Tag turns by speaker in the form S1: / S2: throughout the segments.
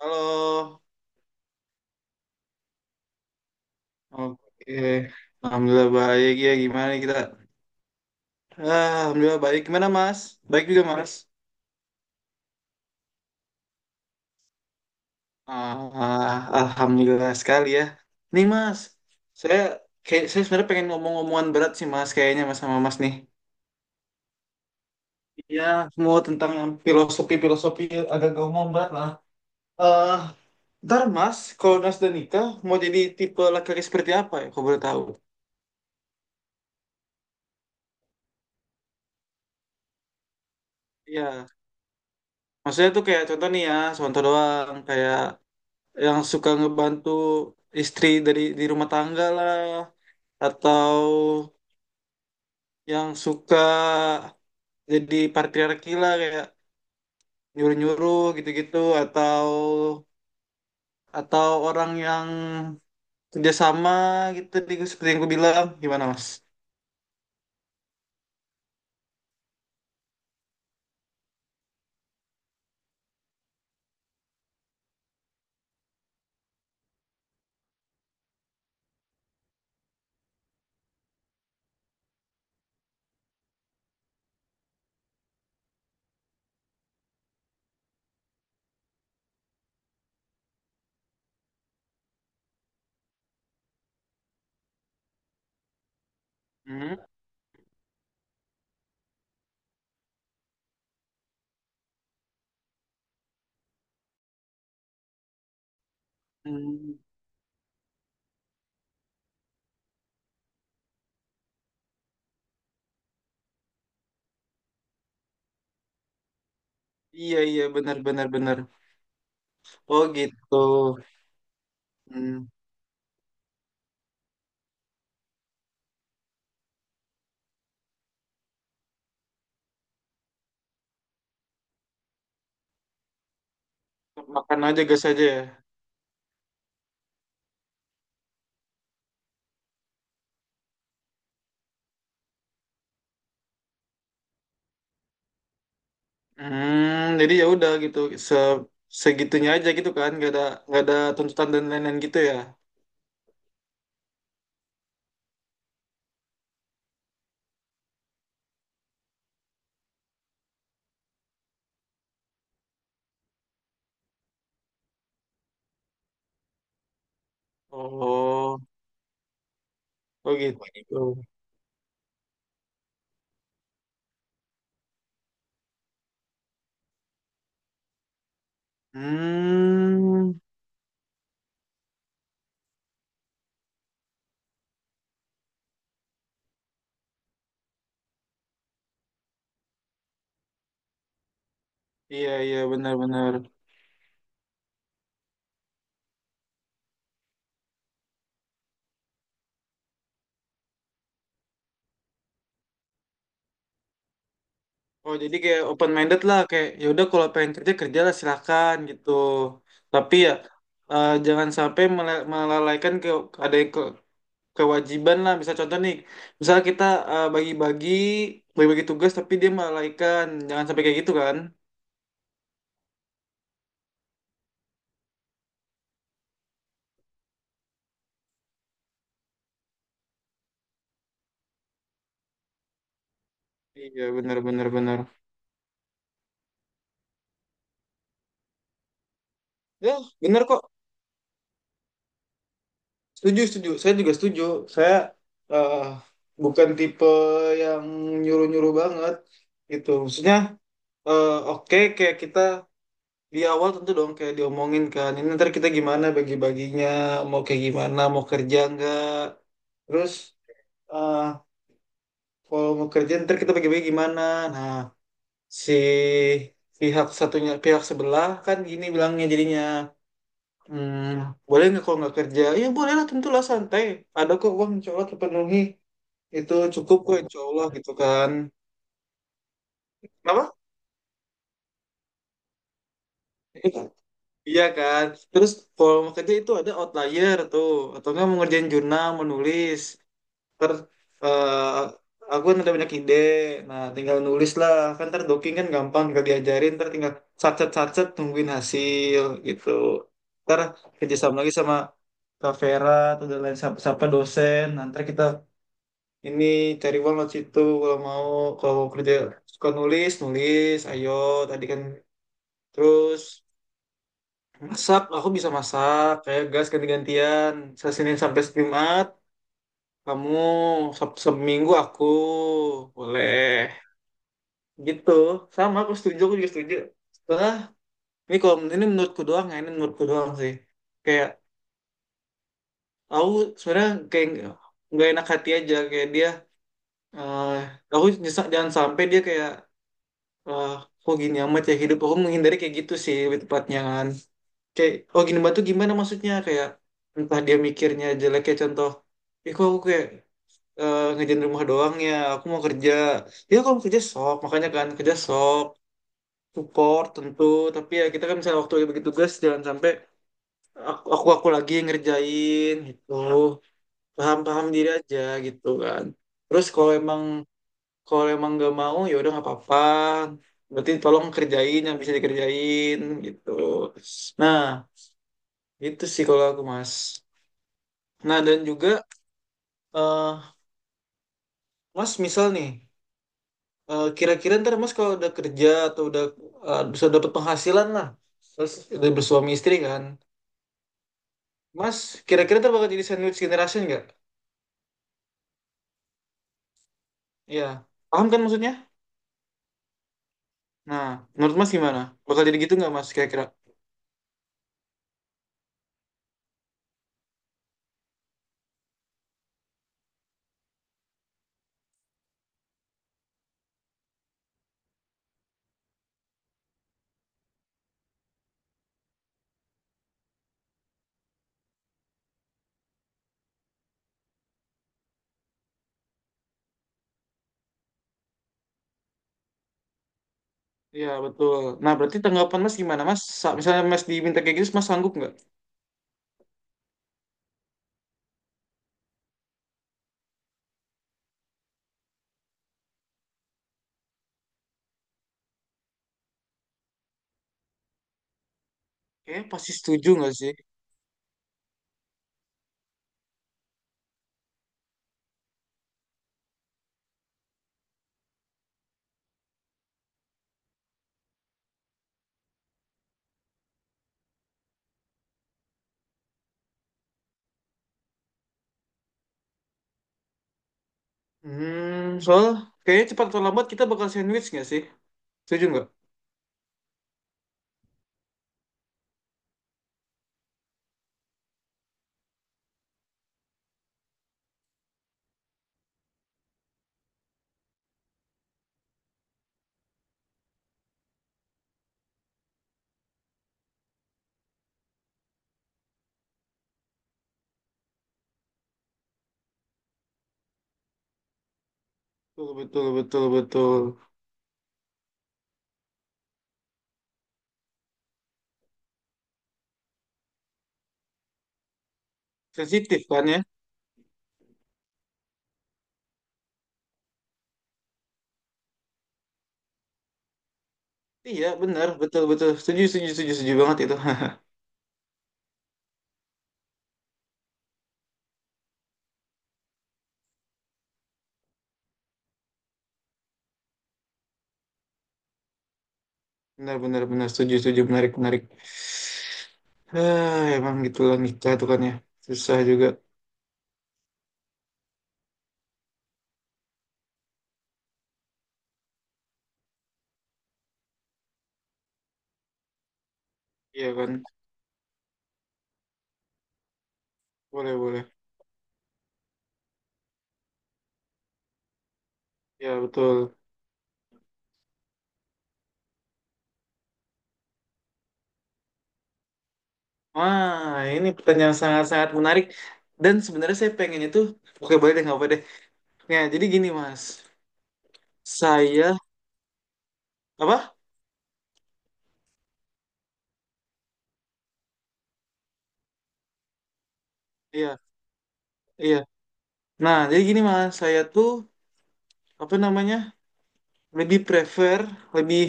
S1: Halo, oke. Alhamdulillah baik ya. Gimana nih kita? Alhamdulillah baik. Gimana Mas? Baik juga Mas. Ah, Alhamdulillah sekali ya. Nih Mas, saya saya sebenarnya pengen ngomong-ngomongan berat sih Mas. Kayaknya Mas sama Mas nih. Iya, semua tentang yang filosofi-filosofi agak ngomong berat lah. Eh, ntar Mas, kalau Nas dan nikah mau jadi tipe laki-laki seperti apa ya? Kau boleh tahu? Iya. Maksudnya tuh kayak contoh nih ya, contoh doang kayak yang suka ngebantu istri dari di rumah tangga lah atau yang suka jadi patriarki lah kayak nyuruh-nyuruh gitu-gitu atau atau orang yang kerjasama gitu di- seperti yang gue bilang gimana mas? Hmm? Hmm. Iya iya benar benar benar. Oh gitu. Hmm. Makan aja gas aja ya. Hmm, jadi ya udah gitu, se segitunya aja gitu kan, nggak ada tuntutan dan lain-lain gitu ya. Oh, oh gitu. Hmm, iya iya benar-benar. Oh jadi kayak open minded lah, kayak ya udah kalau pengen kerja kerja lah silakan gitu. Tapi ya jangan sampai mele- melalaikan ke ada ke, kewajiban lah. Misal contoh nih, misal kita bagi-bagi bagi-bagi tugas tapi dia melalaikan, jangan sampai kayak gitu kan. Iya benar-benar benar. Benar, benar. Ya, benar kok. Setuju, setuju. Saya juga setuju. Saya eh, bukan tipe yang nyuruh-nyuruh banget gitu. Maksudnya, oke kayak kita di awal tentu dong kayak diomongin kan. Ini ntar kita gimana bagi-baginya, mau kayak gimana, mau kerja nggak. Terus eh, kalau mau kerja ntar kita bagi-bagi gimana. Nah, si pihak satunya, pihak sebelah kan gini bilangnya jadinya. Hmm, boleh nggak kalau nggak kerja? Ya boleh lah tentulah santai. Ada kok uang insya Allah terpenuhi. Itu cukup kok insya Allah gitu kan. Kenapa? Iya kan. Terus kalau mau kerja itu ada outlier tuh. Atau nggak mau ngerjain jurnal, menulis. Ter, eh, aku kan ada banyak ide. Nah tinggal nulis lah. Kan ntar doking kan gampang. Tinggal diajarin. Ntar tinggal sacet-sacet tungguin hasil gitu. Ntar kerjasama lagi sama Kak Vera atau dan lain siapa, siapa dosen. Nanti kita Ini cari uang banget situ kalau mau kalau kerja suka nulis nulis ayo tadi kan terus masak aku bisa masak kayak gas ganti-gantian saya Senin sampai Jumat kamu Sabtu seminggu aku boleh gitu sama aku setuju aku juga setuju setelah ini kalau ini menurutku doang ya ini menurutku doang sih kayak aku sebenarnya kayak nggak enak hati aja kayak dia eh aku nyesek jangan sampai dia kayak Wah, kok gini amat ya hidup aku menghindari kayak gitu sih lebih tepatnya kan. Kayak oh gini banget tuh gimana maksudnya kayak entah dia mikirnya jelek kayak contoh, ih kok aku kayak ngerjain rumah doang ya, aku mau kerja. Ya kalau kerja sok, makanya kan kerja sok, support tentu, tapi ya kita kan misalnya waktu bagi tugas jangan sampai aku lagi yang ngerjain gitu. Paham-paham diri aja gitu kan. Terus kalau emang nggak mau ya udah nggak apa-apa berarti tolong kerjain yang bisa dikerjain gitu nah itu sih kalau aku mas nah dan juga eh, mas misal nih kira-kira ntar mas kalau udah kerja atau udah bisa dapat penghasilan lah terus udah bersuami istri kan mas kira-kira ntar bakal jadi sandwich generation nggak Iya paham kan maksudnya nah menurut mas gimana bakal jadi gitu nggak mas kira-kira Iya betul. Nah berarti tanggapan Mas gimana Mas? Sa- Misalnya Mas diminta kayak gitu, Mas sanggup nggak? Kayaknya pasti setuju nggak sih? Hmm, soal kayaknya cepat atau lambat kita bakal sandwich nggak sih? Setuju nggak? Betul, betul, betul, betul. Sensitif kan ya? Iya, benar, betul, betul. Setuju, setuju, setuju, setuju banget itu. Benar, benar, benar. Setuju, setuju. Menarik, menarik. Emang gitulah nikah tuh kan ya. Susah juga. Iya kan? Boleh, boleh. Ya, betul. Wah, ini pertanyaan sangat-sangat menarik. Dan sebenarnya saya pengen itu, oke boleh deh, nggak apa deh. Nah, jadi gini mas. Saya Apa? Iya, iya. Nah, jadi gini Mas, saya tuh apa namanya? Lebih prefer, lebih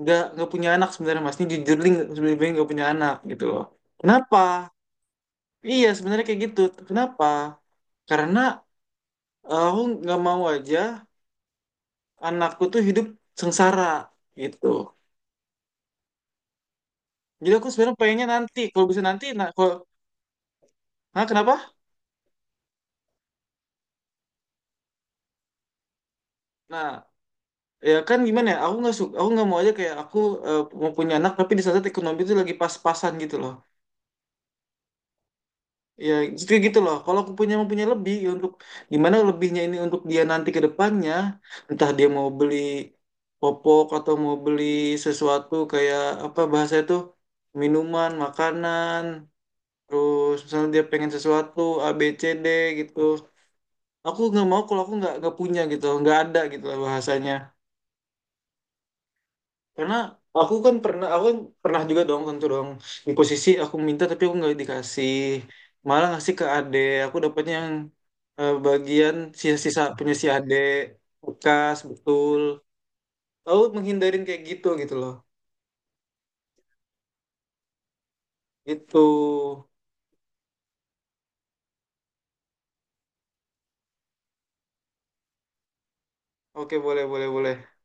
S1: nggak punya anak sebenarnya Mas. Ini jujur li nggak- sebenarnya lebih nggak punya anak gitu loh. Kenapa? Iya, sebenarnya kayak gitu. Kenapa? Karena aku nggak mau aja anakku tuh hidup sengsara gitu. Jadi aku sebenarnya pengennya nanti, kalau bisa nanti, nah kalau Hah, kenapa? Nah, ya kan gimana ya? Aku nggak suka, aku nggak mau aja kayak aku mau punya anak tapi di saat ekonomi itu lagi pas-pasan gitu loh. Ya justru gitu loh kalau aku punya mempunyai lebih ya untuk gimana lebihnya ini untuk dia nanti ke depannya entah dia mau beli popok atau mau beli sesuatu kayak apa bahasa itu minuman makanan terus misalnya dia pengen sesuatu A B C D gitu aku nggak mau kalau aku nggak punya gitu nggak ada gitu lah bahasanya Karena aku kan pernah juga dong tentu dong di posisi aku minta tapi aku nggak dikasih, malah ngasih ke ade. Aku dapatnya yang bagian sisa-sisa punya si ade bekas betul. Aku menghindarin kayak gitu gitu loh. Itu. Oke boleh boleh boleh.